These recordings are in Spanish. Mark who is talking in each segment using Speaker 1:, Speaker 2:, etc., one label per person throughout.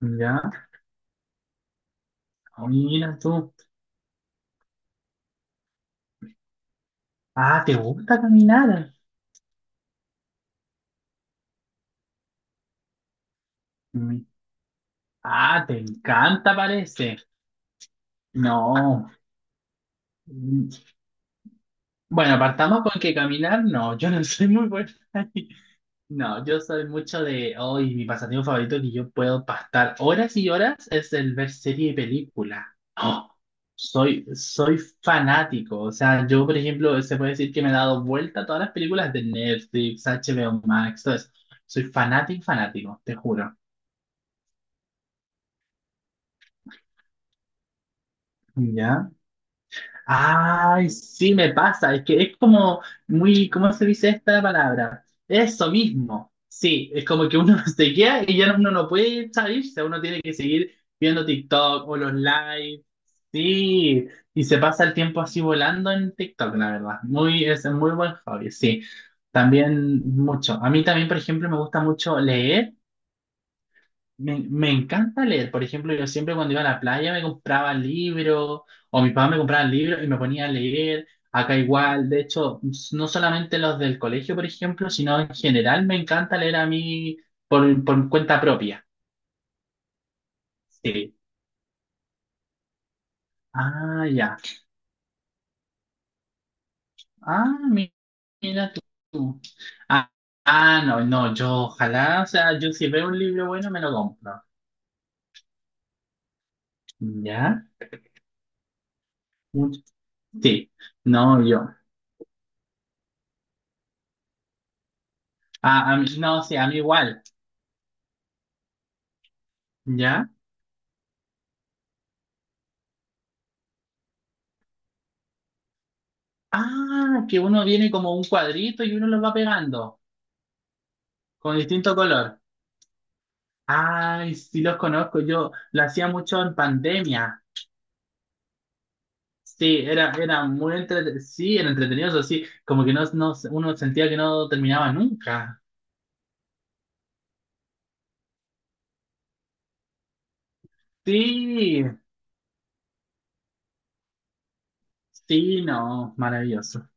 Speaker 1: Ya, mira tú. Ah, ¿te gusta caminar? Mi- Ah, te encanta, parece. No. Mm, Bueno, partamos con que caminar, no, yo no soy muy buena ahí. No, yo soy mucho de hoy, mi pasatiempo favorito que yo puedo pastar horas y horas es el ver serie y película. Oh, soy fanático. O sea, yo, por ejemplo, se puede decir que me he dado vuelta a todas las películas de Netflix, HBO Max, todo eso. Soy fanático, fanático, te juro. ¿Ya? Ay, sí me pasa, es que es como muy, ¿cómo se dice esta palabra? Eso mismo, sí, es como que uno se queda y ya uno no puede salirse, uno tiene que seguir viendo TikTok o los lives, sí, y se pasa el tiempo así volando en TikTok, la verdad, muy, es un muy buen hobby, sí, también mucho. A mí también, por ejemplo, me gusta mucho leer me encanta leer. Por ejemplo, yo siempre cuando iba a la playa me compraba libros o mi papá me compraba libros y me ponía a leer. Acá igual, de hecho, no solamente los del colegio, por ejemplo, sino en general me encanta leer a mí por cuenta propia. Sí. Ah, ya. Ah, mira tú. Ah, ah, no, no, yo ojalá, o sea, yo si veo un libro bueno me lo compro. ¿Ya? Sí. No, yo. Ah, no, sí, a mí igual. ¿Ya? Ah, que uno viene como un cuadrito y uno los va pegando con distinto color. Ay, sí los conozco, yo lo hacía mucho en pandemia. Sí, era muy entretenido, sí, era entretenido, eso sí, como que uno sentía que no terminaba nunca. Sí, sí, no, maravilloso.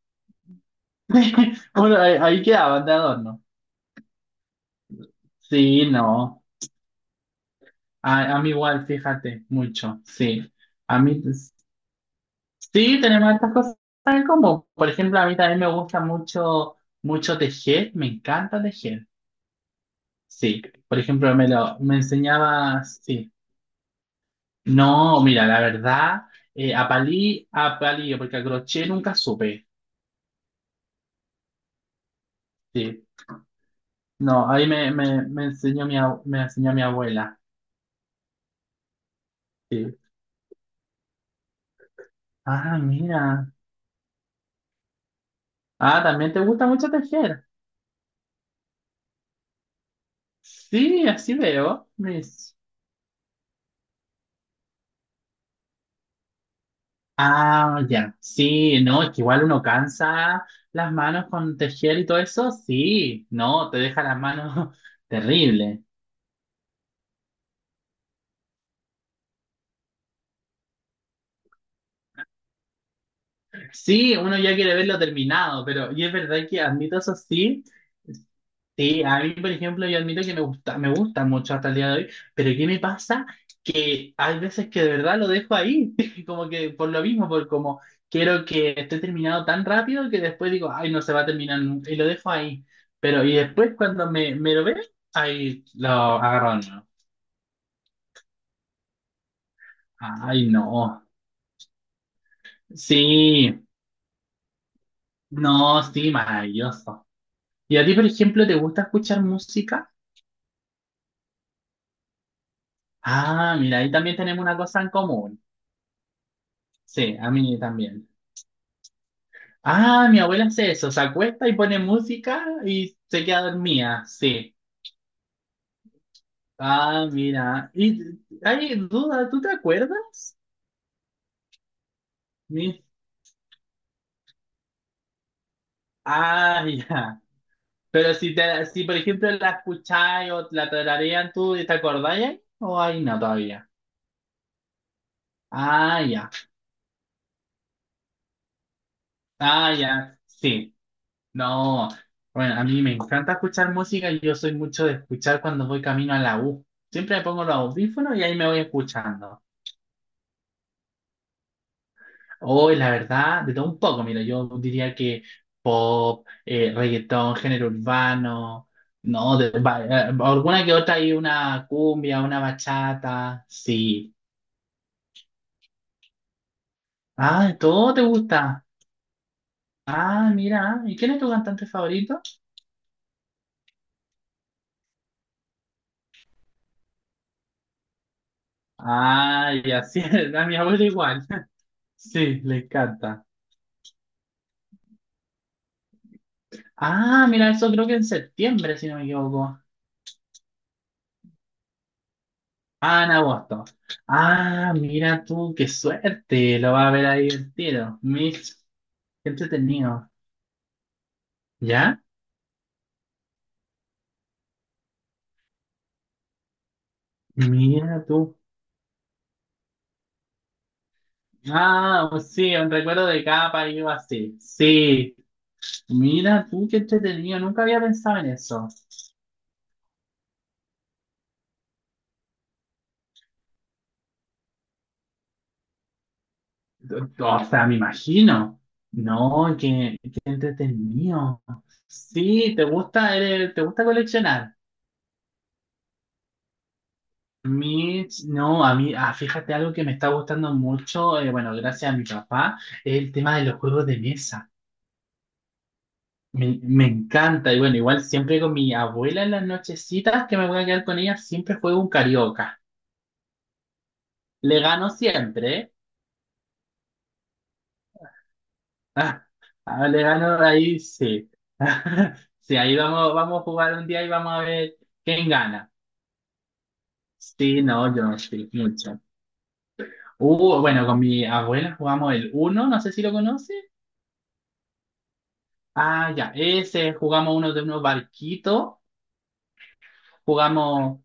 Speaker 1: Bueno, ahí quedaban de adorno. Sí, no, a mí igual, fíjate, mucho, sí. A mí, sí, tenemos estas cosas en común. Por ejemplo, a mí también me gusta mucho, mucho tejer, me encanta tejer. Sí, por ejemplo, me lo, me enseñaba, sí. No, mira, la verdad, a palillo, porque a crochet nunca supe. Sí, no, ahí me enseñó mi abuela. Sí. Ah, mira. Ah, también te gusta mucho tejer. Sí, así veo. Ah, ya. Sí, no, es que igual uno cansa las manos con tejer y todo eso. Sí, no, te deja las manos terrible. Sí, uno ya quiere verlo terminado, pero y es verdad que admito eso sí. Sí, a mí, por ejemplo, yo admito que me gusta mucho hasta el día de hoy, pero ¿qué me pasa? Que hay veces que de verdad lo dejo ahí, como que por lo mismo, por como quiero que esté terminado tan rápido que después digo, ay, no se va a terminar nunca, y lo dejo ahí. Pero, y después cuando me lo veo, ahí lo agarro, no. Ay, no. Sí, no, sí, maravilloso. ¿Y a ti, por ejemplo, te gusta escuchar música? Ah, mira, ahí también tenemos una cosa en común. Sí, a mí también. Ah, mi abuela hace eso, se acuesta y pone música y se queda dormida, sí. Ah, mira. ¿Y hay duda? ¿Tú te acuerdas? Mi- Ah, ya. Pero si por ejemplo la escucháis o la tararean, ¿tú te acordáis ahí? ¿O ahí no todavía? Ah, ya. Ah, ya. Sí. No. Bueno, a mí me encanta escuchar música y yo soy mucho de escuchar cuando voy camino a la U. Siempre me pongo los audífonos y ahí me voy escuchando. Hoy, la verdad, de todo un poco, mira, yo diría que pop, reggaetón, género urbano, no, alguna que otra hay una cumbia, una bachata, sí. Ah, todo te gusta. Ah, mira, ¿y quién es tu cantante favorito? Ah, y así es, a mi abuelo igual. Sí, le encanta. Ah, mira, eso creo que en septiembre, si no me equivoco. Ah, en agosto. Ah, mira tú, qué suerte. Lo va a ver ahí el tiro. Qué entretenido. ¿Ya? Mira tú. Ah, pues sí, un recuerdo de cada país o así. Sí. Mira tú, qué entretenido. Nunca había pensado en eso. O sea, me imagino. No, qué entretenido. Sí, te gusta, te gusta coleccionar. A mí, no, a mí, ah, fíjate algo que me está gustando mucho, bueno, gracias a mi papá, es el tema de los juegos de mesa. Me encanta, y bueno, igual siempre con mi abuela en las nochecitas que me voy a quedar con ella, siempre juego un carioca. Le gano siempre, ¿eh? Ah, ah, le gano ahí, sí. Sí, ahí vamos, vamos a jugar un día y vamos a ver quién gana. Sí, no, yo no estoy mucho. Bueno, con mi abuela jugamos el uno, no sé si lo conoce. Ah, ya, ese jugamos uno de unos barquitos. Jugamos.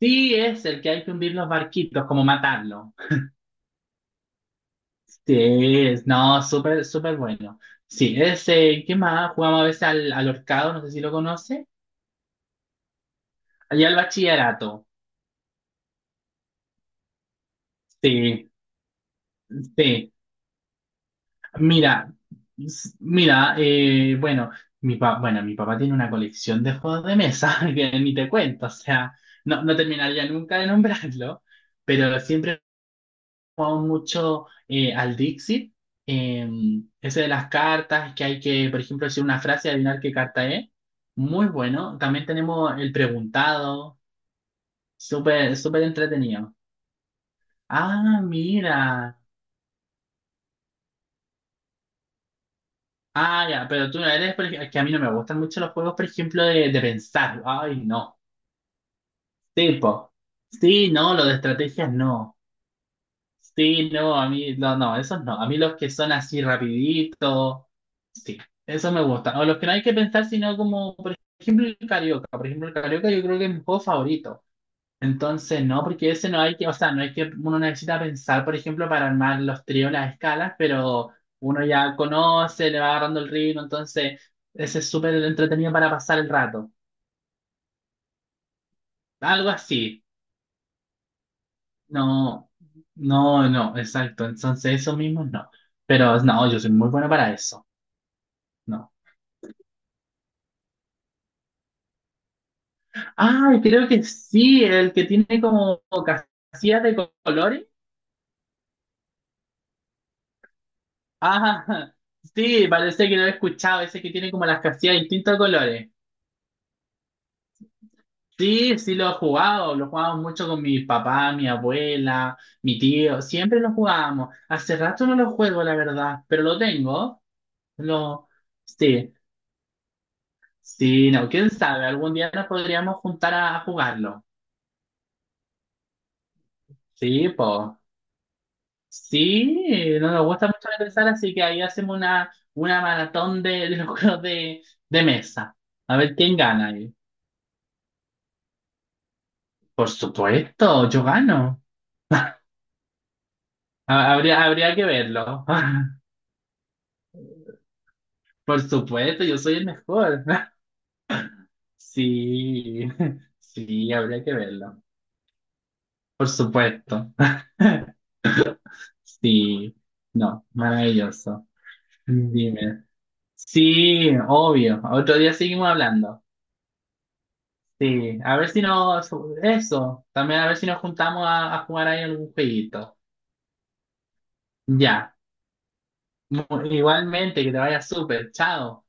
Speaker 1: Sí, es el que hay que hundir los barquitos, como matarlo. Sí, no, súper, súper bueno. Sí, ese, ¿qué más? Jugamos a veces al horcado, no sé si lo conoce. Allá al bachillerato. Sí, sí. Mira, mira, bueno, bueno, mi papá tiene una colección de juegos de mesa que ni te cuento, o sea, no terminaría nunca de nombrarlo, pero siempre. Mucho al Dixit, eh, ese de las cartas, que hay que, por ejemplo, decir una frase y adivinar qué carta es. Muy bueno. También tenemos el preguntado, súper, súper entretenido. Ah, mira. Ah, ya, pero tú no eres, que a mí no me gustan mucho los juegos, por ejemplo, de pensar. Ay, no. Tipo, sí, no, lo de estrategias no. Sí, no, a mí, no, no, esos no. A mí los que son así rapidito, sí, eso me gusta. O los que no hay que pensar, sino como, por ejemplo, el Carioca. Por ejemplo, el Carioca yo creo que es mi juego favorito. Entonces, no, porque ese no hay que, o sea, no hay que, uno necesita pensar, por ejemplo, para armar los tríos, las escalas, pero uno ya conoce, le va agarrando el ritmo, entonces, ese es súper entretenido para pasar el rato. Algo así. No, no, no, exacto. Entonces, eso mismo no. Pero no, yo soy muy bueno para eso. No. Ah, creo que sí, el que tiene como casillas de colores. Ah, sí, parece que no lo he escuchado, ese que tiene como las casillas de distintos colores. Sí, sí lo he jugado, lo jugábamos mucho con mi papá, mi abuela, mi tío, siempre lo jugábamos. Hace rato no lo juego, la verdad, pero lo tengo. Lo, sí. Sí, no, quién sabe, algún día nos podríamos juntar a jugarlo. Sí, po, sí, no nos gusta mucho regresar, así que ahí hacemos una maratón de los juegos de mesa. A ver quién gana ahí. Por supuesto, yo gano. Habría que verlo. Por supuesto, yo soy el mejor. Sí, sí, habría que verlo. Por supuesto. Sí, no, maravilloso. Dime. Sí, obvio. Otro día seguimos hablando. Sí, a ver si nos... Eso, también a ver si nos juntamos a jugar ahí algún jueguito. Ya. Igualmente, que te vaya súper. Chao.